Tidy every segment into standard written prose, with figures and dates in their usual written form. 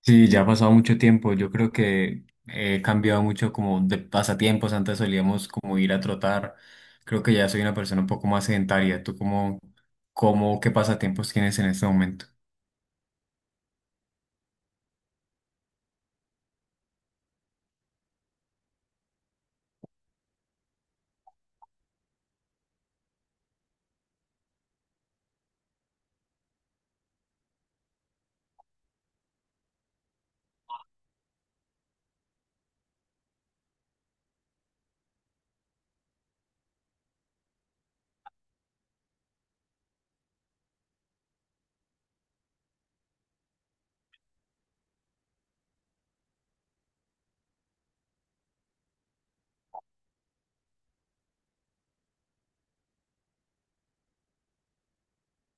Sí, ya ha pasado mucho tiempo. Yo creo que he cambiado mucho como de pasatiempos. Antes solíamos como ir a trotar. Creo que ya soy una persona un poco más sedentaria. ¿Tú cómo, qué pasatiempos tienes en este momento?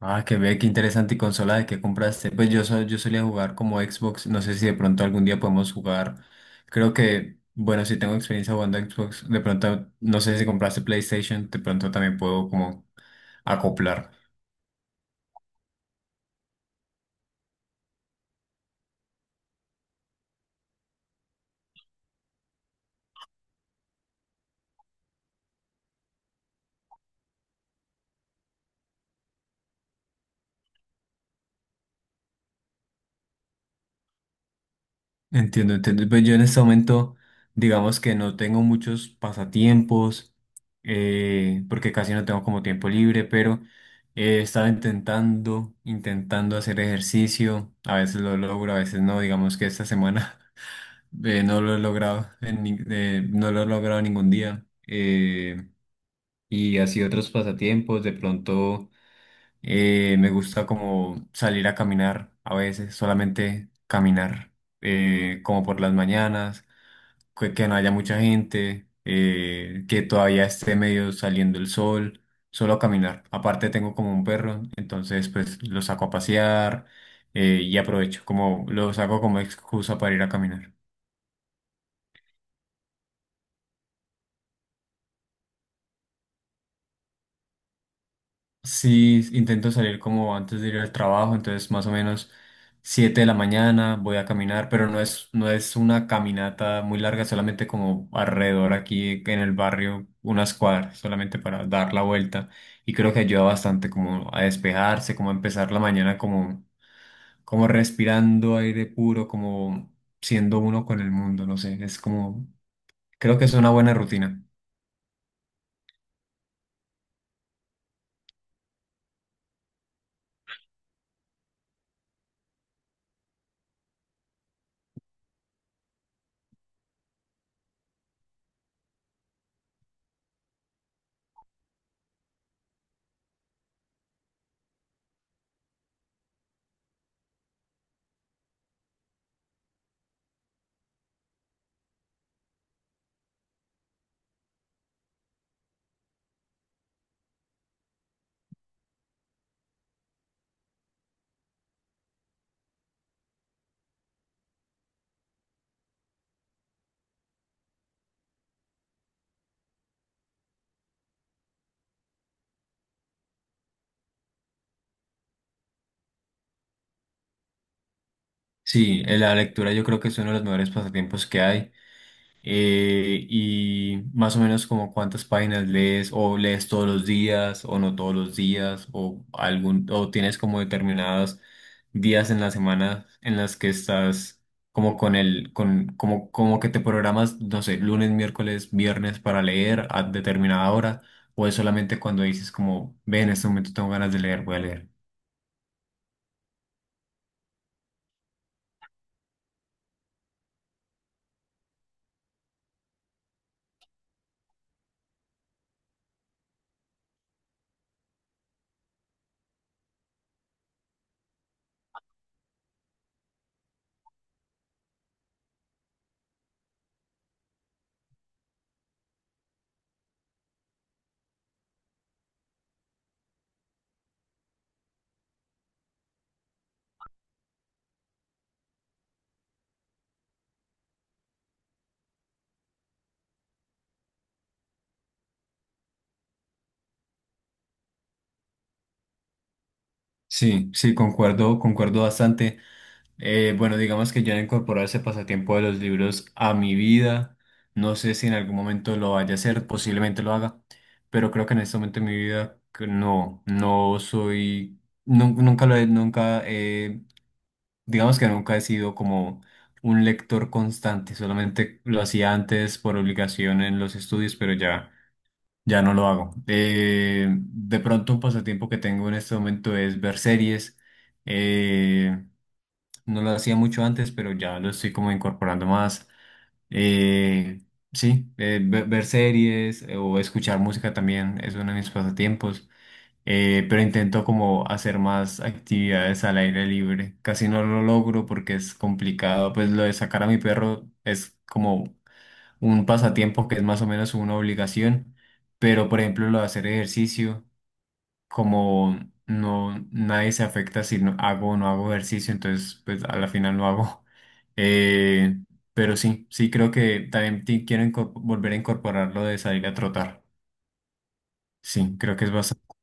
Ah, que ve, qué interesante. ¿Y consola de qué compraste? Pues yo, yo solía jugar como Xbox. No sé si de pronto algún día podemos jugar. Creo que, bueno, si tengo experiencia jugando a Xbox, de pronto, no sé si compraste PlayStation, de pronto también puedo como acoplar. Entiendo, entiendo. Pues yo en este momento, digamos que no tengo muchos pasatiempos, porque casi no tengo como tiempo libre, pero he estado intentando hacer ejercicio. A veces lo logro, a veces no. Digamos que esta semana no lo he logrado, en ni- no lo he logrado ningún día. Y así otros pasatiempos, de pronto me gusta como salir a caminar, a veces solamente caminar, como por las mañanas que no haya mucha gente, que todavía esté medio saliendo el sol, solo a caminar. Aparte tengo como un perro, entonces pues lo saco a pasear y aprovecho, como lo saco como excusa para ir a caminar. Sí, intento salir como antes de ir al trabajo, entonces más o menos 7 de la mañana voy a caminar, pero no es una caminata muy larga, solamente como alrededor aquí en el barrio, unas cuadras, solamente para dar la vuelta. Y creo que ayuda bastante como a despejarse, como a empezar la mañana como respirando aire puro, como siendo uno con el mundo, no sé, es como, creo que es una buena rutina. Sí, la lectura yo creo que es uno de los mejores pasatiempos que hay. Y más o menos como cuántas páginas lees o lees todos los días o no todos los días o algún o tienes como determinados días en la semana en las que estás como con el con como como que te programas no sé lunes, miércoles, viernes para leer a determinada hora o es solamente cuando dices como ve en este momento tengo ganas de leer voy a leer. Sí, sí, concuerdo, concuerdo bastante. Bueno, digamos que ya he incorporado ese pasatiempo de los libros a mi vida. No sé si en algún momento lo vaya a hacer, posiblemente lo haga, pero creo que en este momento de mi vida que no, no soy, nun- nunca lo he, nunca he- digamos que nunca he sido como un lector constante, solamente lo hacía antes por obligación en los estudios, pero ya no lo hago. De pronto un pasatiempo que tengo en este momento es ver series. eh, no lo hacía mucho antes, pero ya lo estoy como incorporando más. Eh, sí, ver series o escuchar música también es uno de mis pasatiempos. Pero intento como hacer más actividades al aire libre. Casi no lo logro porque es complicado. Pues lo de sacar a mi perro es como un pasatiempo que es más o menos una obligación. Pero por ejemplo lo de hacer ejercicio como no, nadie se afecta si no hago o no hago ejercicio, entonces pues a la final no hago. Eh, pero sí, sí creo que también volver a incorporar lo de salir a trotar. Sí, creo que es bastante.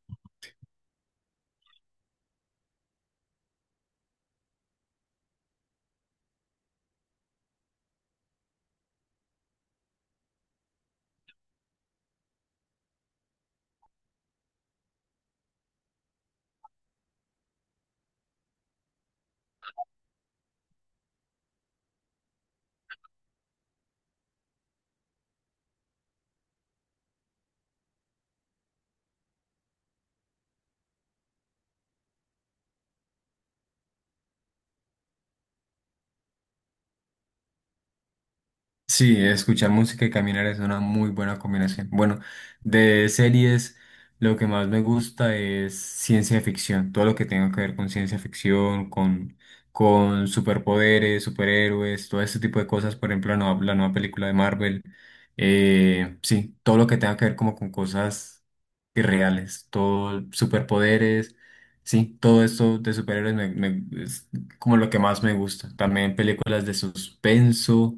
Sí, escuchar música y caminar es una muy buena combinación. Bueno, de series, lo que más me gusta es ciencia ficción, todo lo que tenga que ver con ciencia ficción, con superpoderes, superhéroes, todo ese tipo de cosas. Por ejemplo, la nueva película de Marvel. Sí, todo lo que tenga que ver como con cosas irreales, todo superpoderes. Sí, todo esto de superhéroes es como lo que más me gusta. También películas de suspenso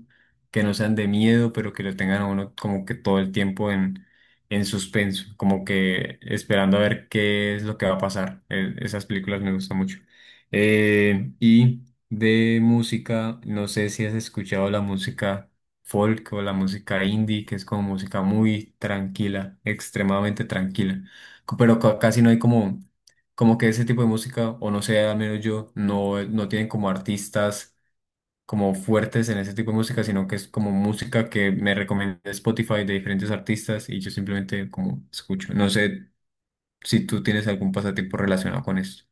que no sean de miedo, pero que lo tengan a uno como que todo el tiempo en suspenso, como que esperando a ver qué es lo que va a pasar. Esas películas me gustan mucho. Y de música, no sé si has escuchado la música folk o la música indie, que es como música muy tranquila, extremadamente tranquila, pero casi no hay como... Como que ese tipo de música, o no sé, al menos yo, no tienen como artistas como fuertes en ese tipo de música, sino que es como música que me recomienda Spotify de diferentes artistas y yo simplemente como escucho. No sé si tú tienes algún pasatiempo relacionado con esto.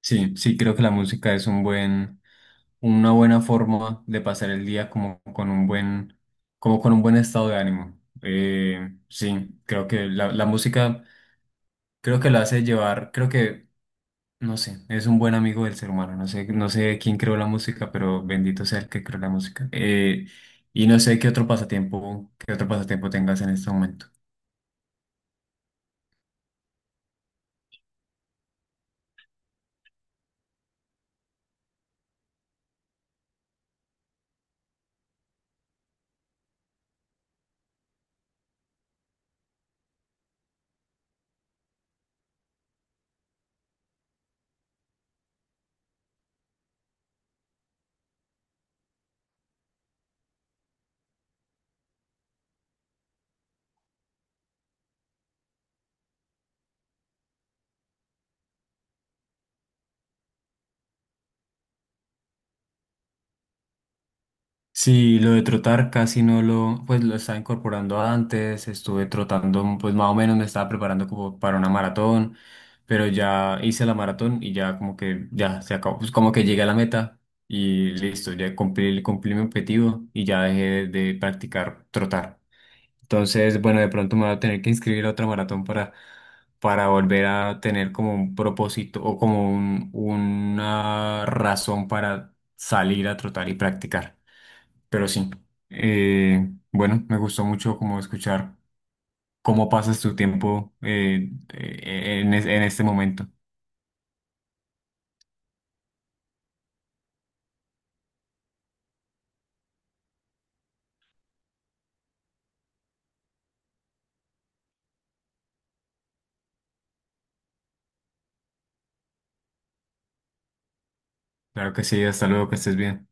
Sí, sí, creo que la música es un buen, una buena forma de pasar el día como con un buen, como con un buen estado de ánimo. Sí, creo que la música, creo que la hace llevar, creo que no sé, es un buen amigo del ser humano. No sé, no sé quién creó la música, pero bendito sea el que creó la música. Y no sé qué otro pasatiempo tengas en este momento. Sí, lo de trotar casi no lo, pues lo estaba incorporando antes. Estuve trotando, pues más o menos me estaba preparando como para una maratón, pero ya hice la maratón y ya como que ya se acabó. Pues como que llegué a la meta y listo, ya cumplí, cumplí mi objetivo y ya dejé de practicar trotar. Entonces, bueno, de pronto me voy a tener que inscribir a otra maratón para volver a tener como un propósito o como una razón para salir a trotar y practicar. Pero sí, bueno, me gustó mucho como escuchar cómo pasas tu tiempo en este momento. Claro que sí, hasta luego, que estés bien.